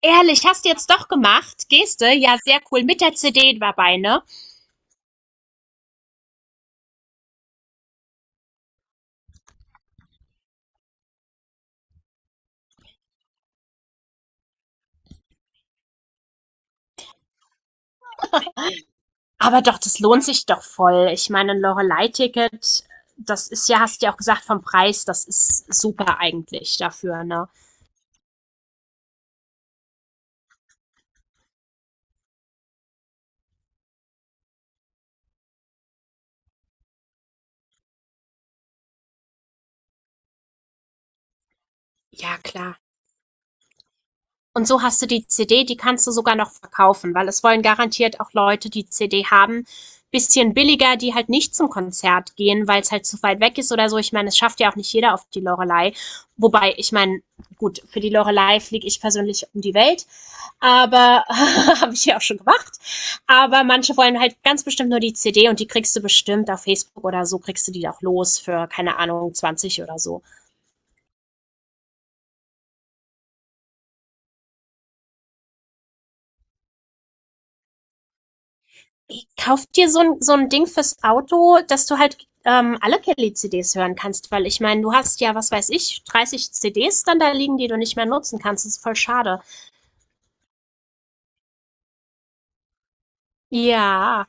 Ehrlich, hast du jetzt doch gemacht? Geste, ja, sehr cool. Mit der CD dabei, ne? Aber doch, das lohnt sich doch voll. Ich meine, ein Loreley Ticket, das ist ja, hast du ja auch gesagt, vom Preis, das ist super eigentlich dafür, ne? Ja, klar. Und so hast du die CD, die kannst du sogar noch verkaufen, weil es wollen garantiert auch Leute, die CD haben, bisschen billiger, die halt nicht zum Konzert gehen, weil es halt zu weit weg ist oder so. Ich meine, es schafft ja auch nicht jeder auf die Loreley. Wobei, ich meine, gut, für die Loreley fliege ich persönlich um die Welt, aber habe ich ja auch schon gemacht. Aber manche wollen halt ganz bestimmt nur die CD und die kriegst du bestimmt auf Facebook oder so, kriegst du die auch los für, keine Ahnung, 20 oder so. Kauf dir so ein Ding fürs Auto, dass du halt alle Kelly-CDs hören kannst, weil ich meine, du hast ja, was weiß ich, 30 CDs dann da liegen, die du nicht mehr nutzen kannst. Das ist voll schade. Ja.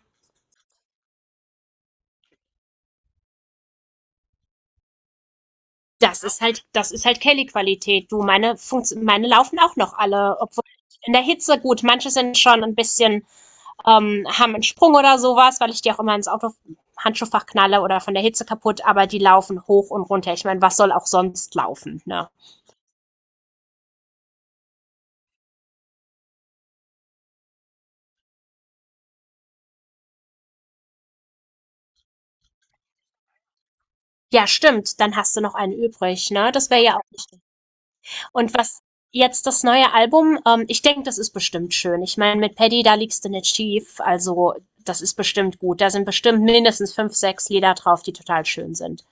Das ist halt Kelly-Qualität. Du, meine, Funkt meine laufen auch noch alle, obwohl in der Hitze gut. Manche sind schon ein bisschen haben einen Sprung oder sowas, weil ich die auch immer ins Auto Handschuhfach knalle oder von der Hitze kaputt, aber die laufen hoch und runter. Ich meine, was soll auch sonst laufen, ne? Ja, stimmt, dann hast du noch einen übrig, ne? Das wäre ja auch nicht. Und was jetzt das neue Album, ich denke, das ist bestimmt schön. Ich meine, mit Paddy, da liegst du nicht schief, also das ist bestimmt gut. Da sind bestimmt mindestens fünf, sechs Lieder drauf, die total schön sind.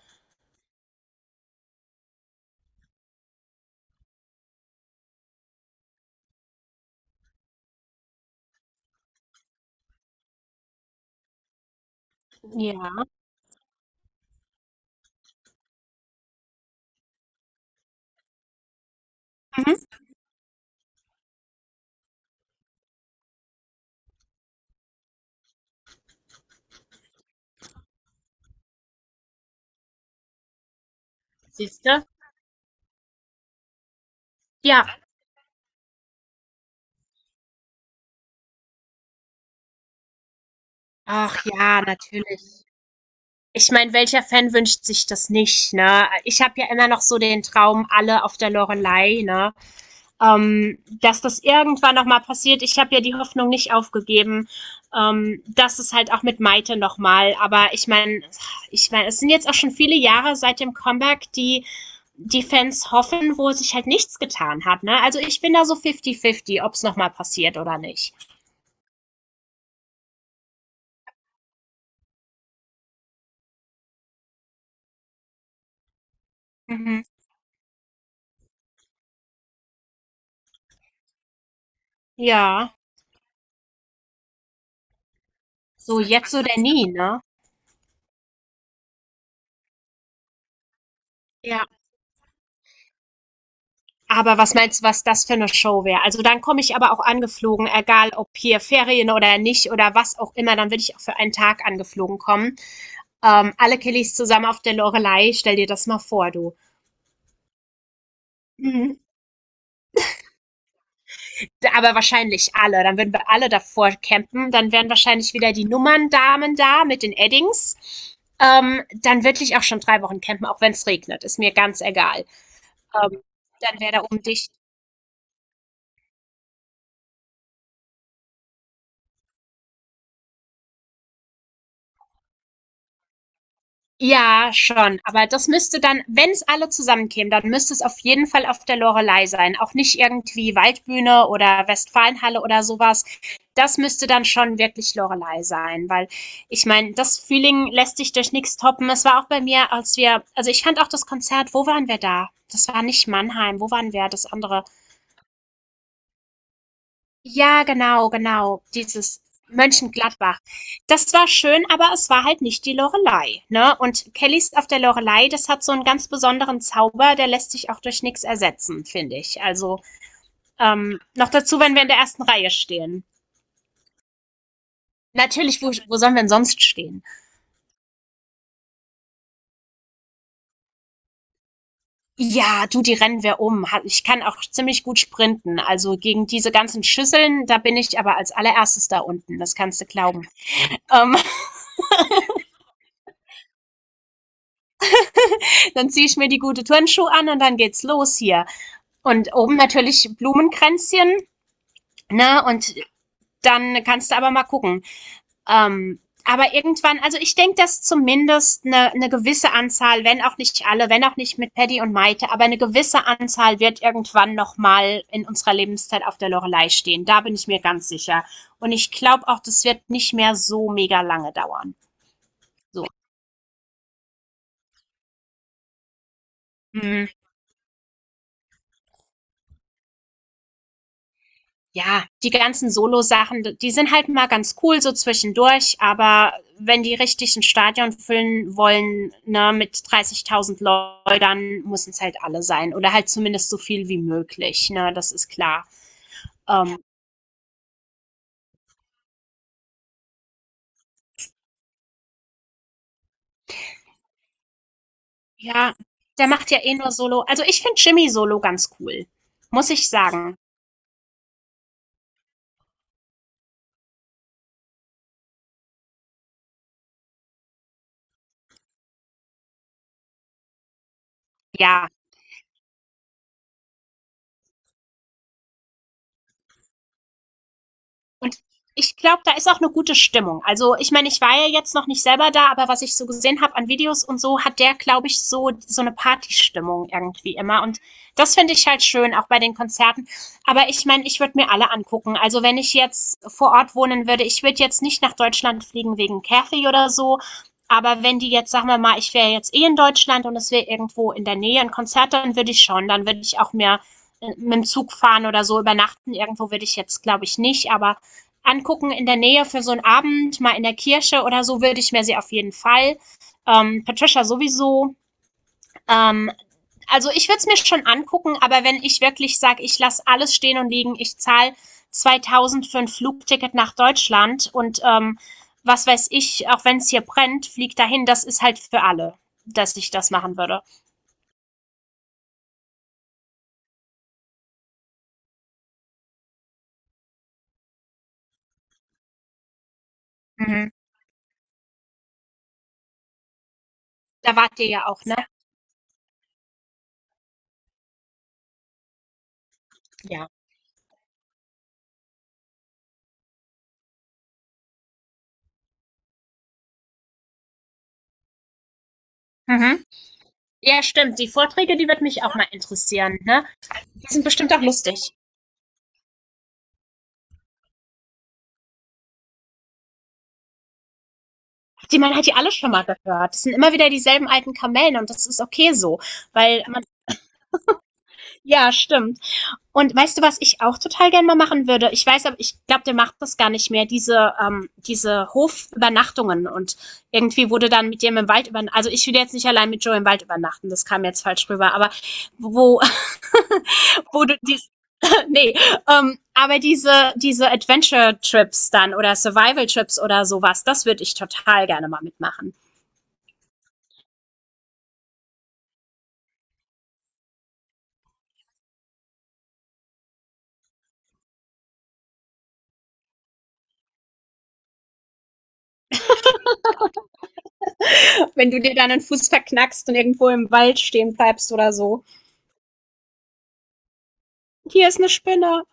Ja. Mhm. Siehst du? Ja. Ach ja, natürlich. Ich meine, welcher Fan wünscht sich das nicht, ne? Ich habe ja immer noch so den Traum, alle auf der Lorelei, ne? Dass das irgendwann nochmal passiert. Ich habe ja die Hoffnung nicht aufgegeben. Das ist halt auch mit Maite nochmal. Aber ich meine, es sind jetzt auch schon viele Jahre seit dem Comeback, die die Fans hoffen, wo sich halt nichts getan hat. Ne? Also ich bin da so fifty-fifty, ob es nochmal passiert oder nicht. Mhm. Ja, so jetzt oder nie, ne? Ja, aber was meinst du, was das für eine Show wäre? Also dann komme ich aber auch angeflogen, egal ob hier Ferien oder nicht oder was auch immer, dann würde ich auch für einen Tag angeflogen kommen. Alle Kellys zusammen auf der Lorelei, stell dir das mal vor, du. Mhm. Aber wahrscheinlich alle, dann würden wir alle davor campen, dann wären wahrscheinlich wieder die Nummerndamen da mit den Eddings. Dann würde ich auch schon 3 Wochen campen, auch wenn es regnet, ist mir ganz egal. Ähm, Dann wäre da um dich. Ja, schon. Aber das müsste dann, wenn es alle zusammenkämen, dann müsste es auf jeden Fall auf der Loreley sein. Auch nicht irgendwie Waldbühne oder Westfalenhalle oder sowas. Das müsste dann schon wirklich Loreley sein, weil ich meine, das Feeling lässt sich durch nichts toppen. Es war auch bei mir, als wir, also ich fand auch das Konzert, wo waren wir da? Das war nicht Mannheim, wo waren wir? Das andere. Ja, genau, genau, dieses Mönchengladbach. Das war schön, aber es war halt nicht die Loreley, ne? Und Kellys auf der Loreley, das hat so einen ganz besonderen Zauber, der lässt sich auch durch nichts ersetzen, finde ich. Also, noch dazu, wenn wir in der ersten Reihe stehen. Natürlich, wo sollen wir denn sonst stehen? Ja, du, die rennen wir um. Ha- Ich kann auch ziemlich gut sprinten. Also gegen diese ganzen Schüsseln, da bin ich aber als allererstes da unten. Das kannst du glauben. Ähm, Dann ziehe ich mir die gute Turnschuhe an und dann geht's los hier. Und oben natürlich Blumenkränzchen, ne? Und dann kannst du aber mal gucken. Aber irgendwann, also ich denke, dass zumindest eine gewisse Anzahl, wenn auch nicht alle, wenn auch nicht mit Paddy und Maite, aber eine gewisse Anzahl wird irgendwann nochmal in unserer Lebenszeit auf der Lorelei stehen. Da bin ich mir ganz sicher. Und ich glaube auch, das wird nicht mehr so mega lange dauern. So. Mhm. Ja, die ganzen Solo-Sachen, die sind halt mal ganz cool so zwischendurch, aber wenn die richtig ein Stadion füllen wollen, ne, mit 30.000 Leuten, dann müssen es halt alle sein oder halt zumindest so viel wie möglich, ne, das ist klar. Ähm, ja, der macht ja eh nur Solo. Also ich finde Jimmy Solo ganz cool, muss ich sagen. Ja, und ich glaube, da ist auch eine gute Stimmung. Also, ich meine, ich war ja jetzt noch nicht selber da, aber was ich so gesehen habe an Videos und so, hat der, glaube ich, so eine Partystimmung irgendwie immer. Und das finde ich halt schön, auch bei den Konzerten. Aber ich meine, ich würde mir alle angucken. Also, wenn ich jetzt vor Ort wohnen würde, ich würde jetzt nicht nach Deutschland fliegen wegen Kathy oder so. Aber wenn die jetzt, sagen wir mal, ich wäre jetzt eh in Deutschland und es wäre irgendwo in der Nähe ein Konzert, dann würde ich schon. Dann würde ich auch mehr mit dem Zug fahren oder so übernachten. Irgendwo würde ich jetzt, glaube ich, nicht. Aber angucken in der Nähe für so einen Abend, mal in der Kirche oder so, würde ich mir sie auf jeden Fall. Patricia sowieso. Ähm, also ich würde es mir schon angucken, aber wenn ich wirklich sage, ich lasse alles stehen und liegen, ich zahle 2000 für ein Flugticket nach Deutschland und was weiß ich, auch wenn es hier brennt, fliegt dahin, das ist halt für alle, dass ich das machen würde. Mhm. Da wart ihr ja auch, ne? Ja. Mhm. Ja, stimmt. Die Vorträge, die wird mich auch mal interessieren, ne? Die sind bestimmt auch lustig. Die man hat die alle schon mal gehört. Es sind immer wieder dieselben alten Kamellen und das ist okay so, weil man, ja, stimmt. Und weißt du, was ich auch total gerne mal machen würde? Ich weiß, aber ich glaube, der macht das gar nicht mehr, diese Hofübernachtungen und irgendwie wurde dann mit dem im Wald übernachten. Also ich will jetzt nicht allein mit Joe im Wald übernachten, das kam jetzt falsch rüber, aber wo, wo du dies, nee, aber diese Adventure-Trips dann oder Survival-Trips oder sowas, das würde ich total gerne mal mitmachen. Wenn du dir dann den Fuß verknackst und irgendwo im Wald stehen bleibst oder so. Hier ist eine Spinne.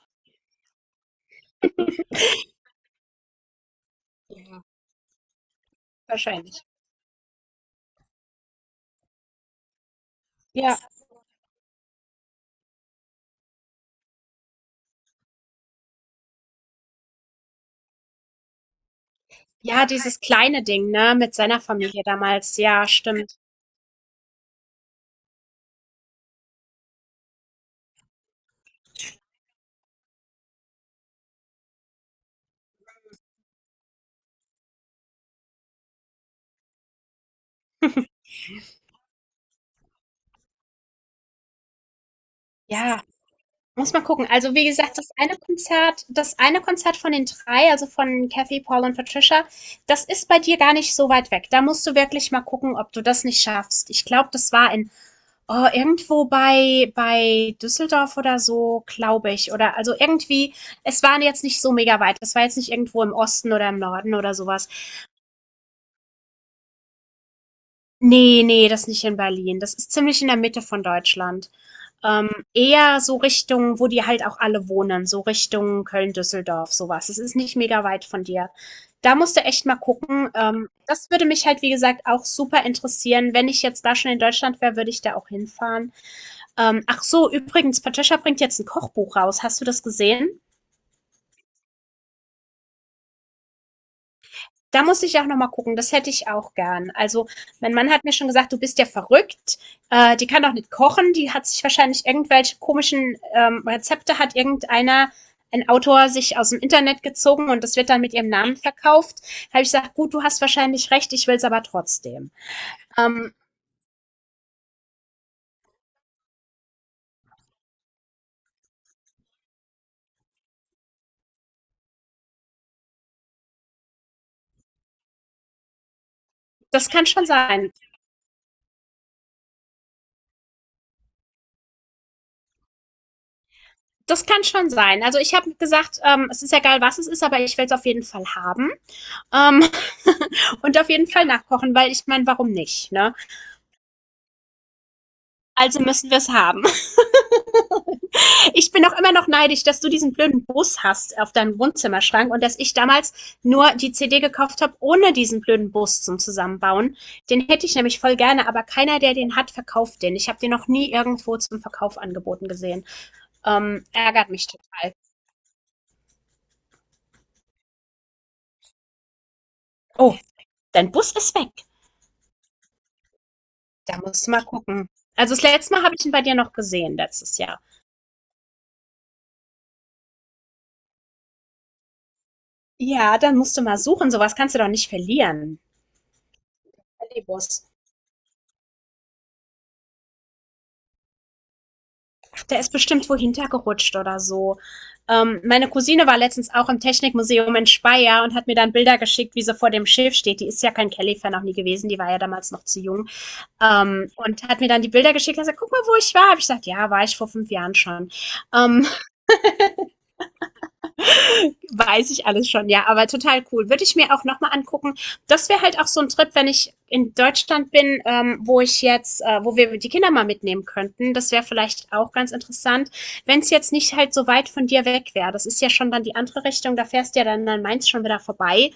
Wahrscheinlich. Ja. Ja, dieses kleine Ding, ne, mit seiner Familie damals. Ja, stimmt. Ja. Muss mal gucken. Also, wie gesagt, das eine Konzert von den drei, also von Kathy, Paul und Patricia, das ist bei dir gar nicht so weit weg. Da musst du wirklich mal gucken, ob du das nicht schaffst. Ich glaube, das war in oh, irgendwo bei Düsseldorf oder so, glaube ich, oder also irgendwie, es war jetzt nicht so mega weit. Es war jetzt nicht irgendwo im Osten oder im Norden oder sowas. Nee, nee, das nicht in Berlin. Das ist ziemlich in der Mitte von Deutschland. Ähm, Eher so Richtung, wo die halt auch alle wohnen, so Richtung Köln-Düsseldorf, sowas. Es ist nicht mega weit von dir. Da musst du echt mal gucken. Das würde mich halt, wie gesagt, auch super interessieren. Wenn ich jetzt da schon in Deutschland wäre, würde ich da auch hinfahren. Ach so, übrigens, Patricia bringt jetzt ein Kochbuch raus. Hast du das gesehen? Da muss ich auch nochmal gucken. Das hätte ich auch gern. Also, mein Mann hat mir schon gesagt, du bist ja verrückt. Die kann doch nicht kochen. Die hat sich wahrscheinlich irgendwelche komischen Rezepte hat irgendeiner, ein Autor, sich aus dem Internet gezogen und das wird dann mit ihrem Namen verkauft. Da habe ich gesagt, gut, du hast wahrscheinlich recht. Ich will es aber trotzdem. Ähm, Das kann schon sein. Das kann schon sein. Also ich habe gesagt, es ist egal, was es ist, aber ich will es auf jeden Fall haben. Ähm, und auf jeden Fall nachkochen, weil ich meine, warum nicht? Ne? Also müssen wir es haben. Ich bin auch immer noch neidisch, dass du diesen blöden Bus hast auf deinem Wohnzimmerschrank und dass ich damals nur die CD gekauft habe, ohne diesen blöden Bus zum Zusammenbauen. Den hätte ich nämlich voll gerne, aber keiner, der den hat, verkauft den. Ich habe den noch nie irgendwo zum Verkauf angeboten gesehen. Ärgert mich total. Oh, dein Bus ist weg. Da musst du mal gucken. Also das letzte Mal habe ich ihn bei dir noch gesehen, letztes Jahr. Ja, dann musst du mal suchen. Sowas kannst du doch nicht verlieren. Den Bus. Der ist bestimmt wo hintergerutscht oder so. Meine Cousine war letztens auch im Technikmuseum in Speyer und hat mir dann Bilder geschickt, wie sie vor dem Schiff steht. Die ist ja kein Kelly-Fan auch nie gewesen, die war ja damals noch zu jung. Und hat mir dann die Bilder geschickt und gesagt, guck mal, wo ich war. Hab ich gesagt, ja, war ich vor 5 Jahren schon. Ähm, Weiß ich alles schon, ja, aber total cool. Würde ich mir auch nochmal angucken. Das wäre halt auch so ein Trip, wenn ich in Deutschland bin, wo wir die Kinder mal mitnehmen könnten. Das wäre vielleicht auch ganz interessant, wenn es jetzt nicht halt so weit von dir weg wäre. Das ist ja schon dann die andere Richtung, da fährst du ja dann an Mainz schon wieder vorbei.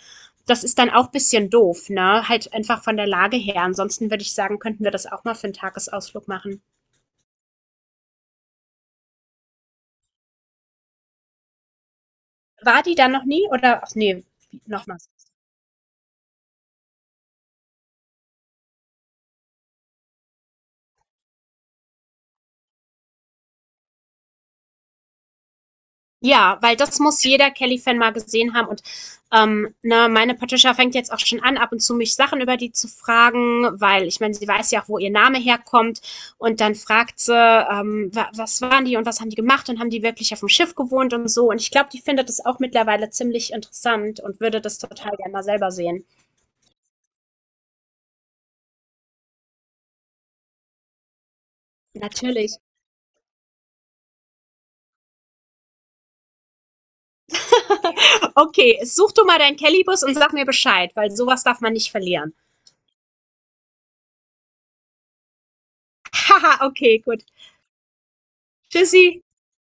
Das ist dann auch ein bisschen doof, ne? Halt einfach von der Lage her. Ansonsten würde ich sagen, könnten wir das auch mal für einen Tagesausflug machen. War die dann noch nie oder, ach nee, nochmal. Ja, weil das muss jeder Kelly-Fan mal gesehen haben. Und ne, meine Patricia fängt jetzt auch schon an, ab und zu mich Sachen über die zu fragen, weil ich meine, sie weiß ja auch, wo ihr Name herkommt. Und dann fragt sie, was waren die und was haben die gemacht und haben die wirklich auf dem Schiff gewohnt und so. Und ich glaube, die findet das auch mittlerweile ziemlich interessant und würde das total gerne mal selber sehen. Natürlich. Okay, such du mal deinen Bus und sag mir Bescheid, weil sowas darf man nicht verlieren. Haha, okay, gut. Tschüssi.